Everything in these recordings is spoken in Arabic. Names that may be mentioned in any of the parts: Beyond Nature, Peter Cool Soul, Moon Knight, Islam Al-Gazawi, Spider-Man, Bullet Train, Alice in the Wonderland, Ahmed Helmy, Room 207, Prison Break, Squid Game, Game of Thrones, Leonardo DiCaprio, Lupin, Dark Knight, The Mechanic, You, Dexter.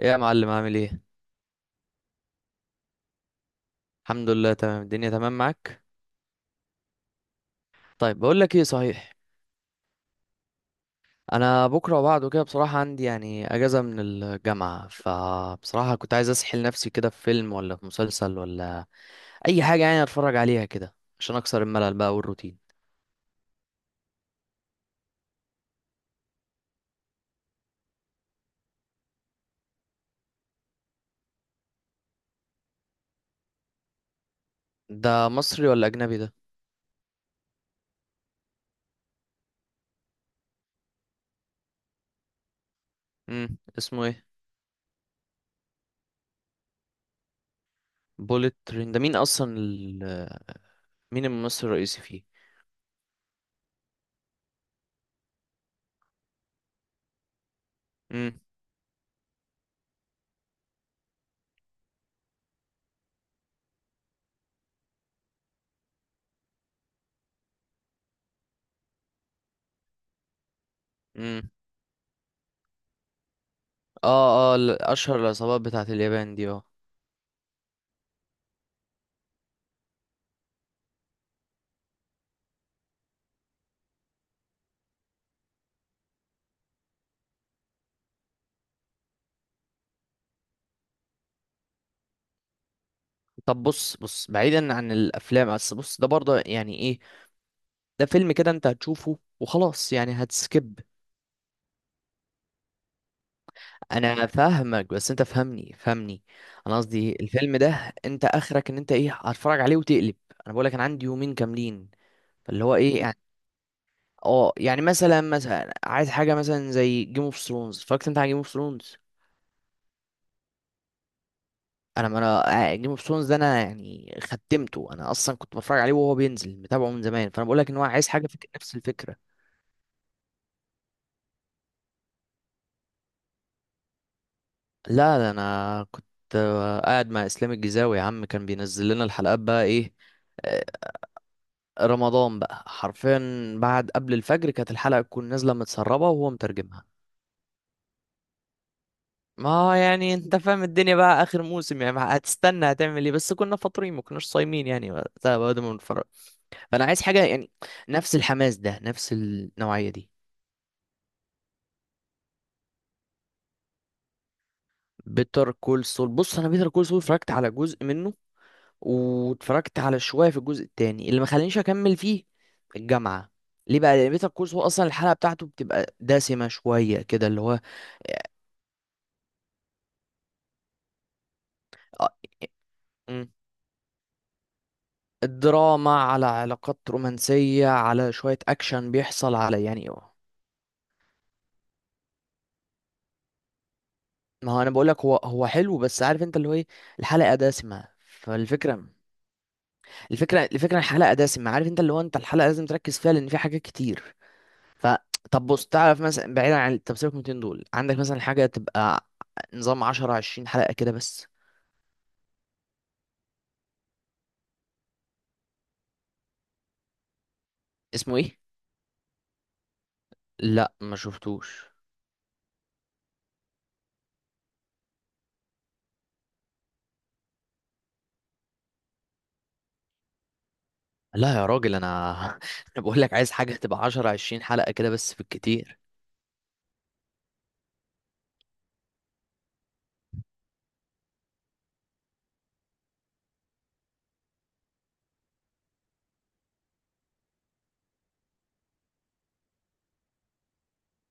ايه يا معلم، عامل ايه؟ الحمد لله، تمام الدنيا، تمام معاك. طيب بقول لك ايه صحيح. انا بكره وبعده كده بصراحه عندي يعني اجازه من الجامعه، فبصراحه كنت عايز اسحل نفسي كده في فيلم ولا في مسلسل ولا اي حاجه يعني اتفرج عليها كده عشان اكسر الملل بقى والروتين. ده مصري ولا اجنبي ده؟ اسمه ايه؟ بوليت ترين، ده مين اصلا مين الممثل الرئيسي فيه؟ امم امم. اه اه، اشهر العصابات بتاعت اليابان دي، اه. طب بص بص، بعيدا عن الافلام، بس بص، ده برضه يعني ايه؟ ده فيلم كده انت هتشوفه وخلاص يعني هتسكيب. انا فاهمك، بس انت فهمني فهمني. انا قصدي الفيلم ده انت اخرك ان انت ايه؟ هتتفرج عليه وتقلب. انا بقولك انا عندي يومين كاملين، فاللي هو ايه يعني. اه يعني مثلا مثلا عايز حاجه مثلا زي جيم اوف ثرونز. اتفرجت انت على جيم اوف ثرونز؟ انا ما انا جيم اوف ثرونز ده انا يعني ختمته. انا اصلا كنت بتفرج عليه وهو بينزل متابعه من زمان، فانا بقولك ان هو عايز حاجه في نفس الفكره. لا ده انا كنت قاعد مع اسلام الجزاوي يا عم، كان بينزل لنا الحلقات بقى ايه. آه. رمضان بقى حرفيا، بعد، قبل الفجر، كانت الحلقة تكون نازلة متسربة وهو مترجمها. ما يعني انت فاهم الدنيا بقى، اخر موسم يعني هتستنى هتعمل ايه؟ بس كنا فاطرين، ما كناش صايمين يعني وقتها بعد ما بنتفرج. فانا عايز حاجة يعني نفس الحماس ده، نفس النوعية دي. بيتر كول سول، بص انا بيتر كول سول اتفرجت على جزء منه، واتفرجت على شوية في الجزء التاني اللي ما خلانيش أكمل فيه، الجامعة. ليه بقى؟ لأن بيتر كورس هو أصلا الحلقة بتاعته بتبقى دسمة شوية كده اللي هو. آه. مم. الدراما على علاقات رومانسية، على شوية أكشن بيحصل، على يعني. ما هو أنا بقولك هو هو حلو، بس عارف أنت اللي هو إيه، الحلقة دسمة فالفكرة. الفكرة الحلقة دسمة، عارف أنت اللي هو، أنت الحلقة لازم تركز فيها لأن في حاجات كتير. ف طب بص، تعرف مثلا، بعيدا عن، طب سيبك من 200 دول، عندك مثلا حاجة تبقى نظام 10 20 حلقة كده بس؟ اسمه ايه؟ لا ما شفتوش. لا يا راجل، انا انا بقول لك عايز حاجة تبقى 10 20 حلقة كده بس، في الكتير.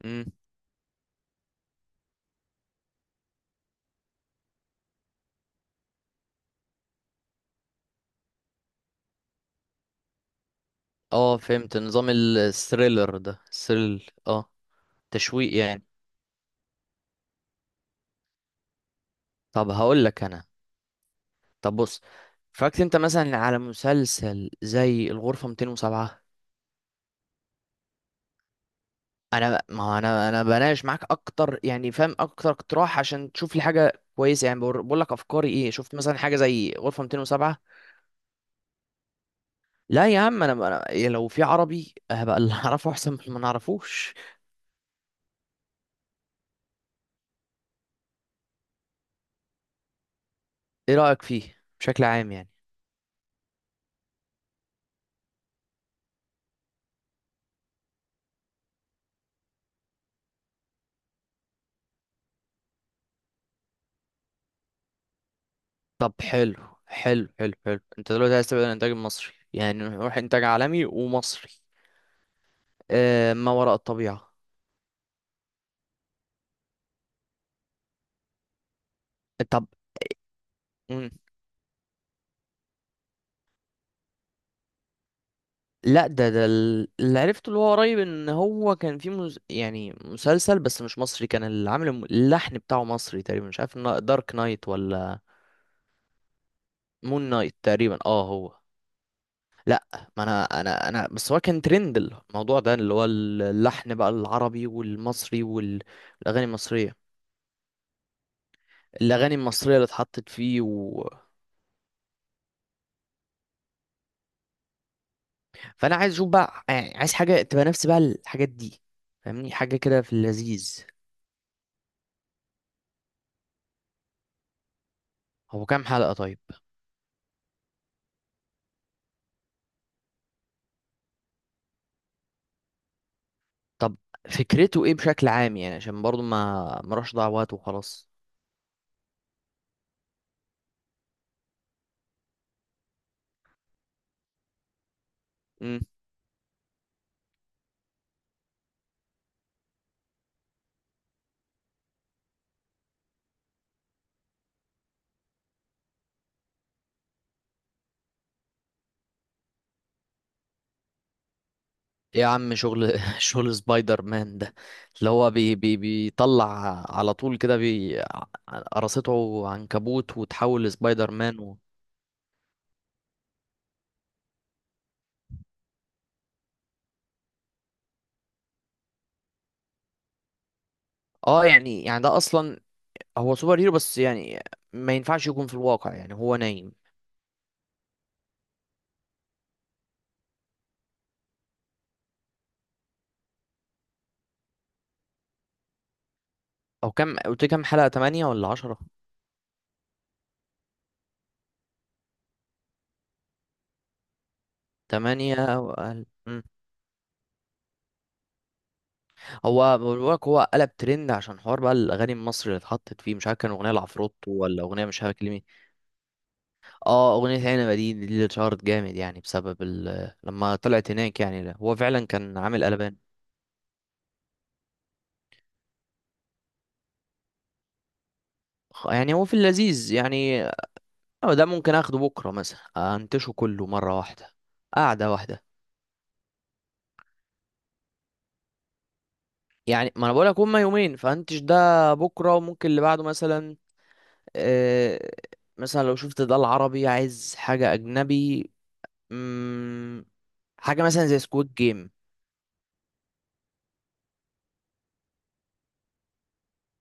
امم. اه فهمت، نظام الثريلر ده، ثريل، اه. تشويق يعني. طب هقول لك انا. طب بص، اتفرجت انت مثلا على مسلسل زي الغرفة 207؟ ما هو انا بناقش معاك اكتر يعني، فاهم اكتر اقتراح عشان تشوف لي حاجه كويسه يعني، بقول لك افكاري ايه. شفت مثلا حاجه زي غرفه 207؟ لا يا عم، انا إيه، لو في عربي هبقى اللي اعرفه احسن من اللي ما نعرفوش. ايه رايك فيه بشكل عام يعني؟ طب حلو. حلو حلو حلو، انت دلوقتي عايز تبعد عن الانتاج المصري يعني، نروح انتاج عالمي ومصري. آه، ما وراء الطبيعه. طب. مم. لا ده اللي عرفته، اللي هو قريب، ان هو كان في يعني مسلسل بس مش مصري، كان اللي عامل اللحن بتاعه مصري تقريبا، مش عارف إنه دارك نايت ولا. مون نايت تقريبا اه هو. لا. ما انا بس هو كان ترند الموضوع ده اللي هو اللحن بقى العربي والمصري والاغاني المصريه. الاغاني المصريه اللي اتحطت فيه فانا عايز اشوف بقى يعني، عايز حاجه تبقى نفس بقى الحاجات دي. فاهمني حاجه كده في اللذيذ. هو كام حلقه طيب؟ طب، فكرته ايه بشكل عام يعني؟ عشان برضو ما اروحش اضيع وقت وخلاص. امم. ايه يا عم شغل شغل سبايدر مان ده، اللي هو بي بي بيطلع على طول كده، قرصته عنكبوت وتحول لسبايدر مان اه يعني ده اصلا هو سوبر هيرو، بس يعني ما ينفعش يكون في الواقع يعني هو نايم. او كم قلت كام حلقة، 8 ولا 10؟ 8. هو بقولك هو قلب ترند عشان حوار بقى الاغاني المصري اللي اتحطت فيه، مش عارف كان اغنيه العفروت ولا اغنيه، مش عارف كلمه. اه اغنيه عنبه، دي اللي اتشهرت جامد يعني بسبب لما طلعت هناك يعني، لا، هو فعلا كان عامل قلبان. يعني هو في اللذيذ يعني. آه، ده ممكن اخده بكره مثلا، انتشه كله مره واحده، قعده واحده. يعني ما انا بقولك هما يومين، فانتش ده بكره وممكن اللي بعده مثلا. آه. مثلا لو شفت ده العربي، عايز حاجه اجنبي، حاجه مثلا زي سكواد جيم.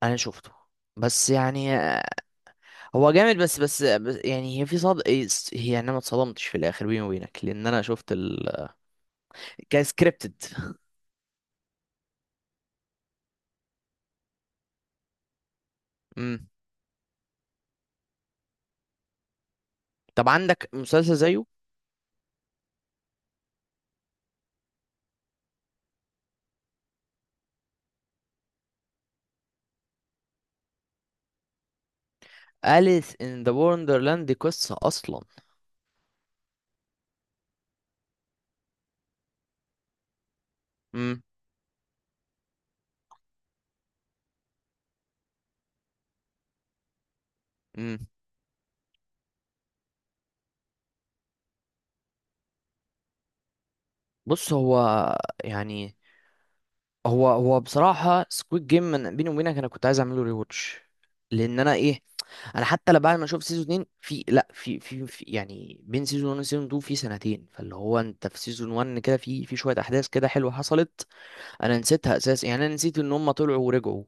انا شفته، بس يعني آه. هو جامد، بس يعني هي في صد إيه، هي يعني انا ما اتصدمتش في الاخر بيني وبينك لان انا شفت ال كسكريبتد. امم. طب عندك مسلسل زيه؟ أليس ان ذا وندرلاند دي قصه اصلا؟ امم. امم. بص هو، يعني، هو بصراحه سكواد جيم، من بيني وبينك انا كنت عايز اعمله ريواتش. لان انا ايه، انا حتى لا بعد ما اشوف سيزون 2، في، لا، في يعني بين سيزون 1 وسيزون 2 في سنتين، فاللي هو انت في سيزون 1 كده في شويه احداث كده حلوه حصلت. انا نسيتها اساسا يعني، انا نسيت ان هم طلعوا ورجعوا.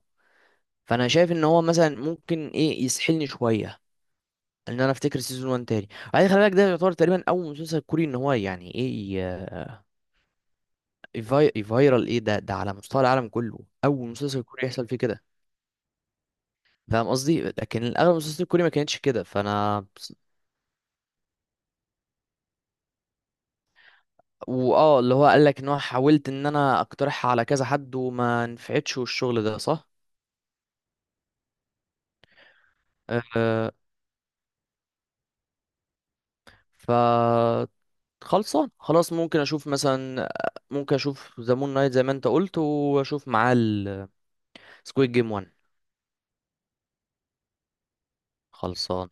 فانا شايف ان هو مثلا ممكن ايه يسحلني شويه ان انا افتكر سيزون 1 تاني. بعدين خلي بالك ده يعتبر تقريبا اول مسلسل كوري، ان هو يعني ايه، ي- يفايرال ايه ده على مستوى العالم كله. اول مسلسل كوري يحصل فيه كده، فاهم قصدي، لكن الاغلب المسلسلات الكوري ما كانتش كده فانا. واه، اللي هو قال لك ان هو حاولت ان انا اقترحها على كذا حد وما نفعتش والشغل ده صح. أه. ف خلصان خلاص، ممكن اشوف مثلا، ممكن اشوف ذا مون نايت زي ما انت قلت واشوف معاه السكويد جيم 1. خلصان.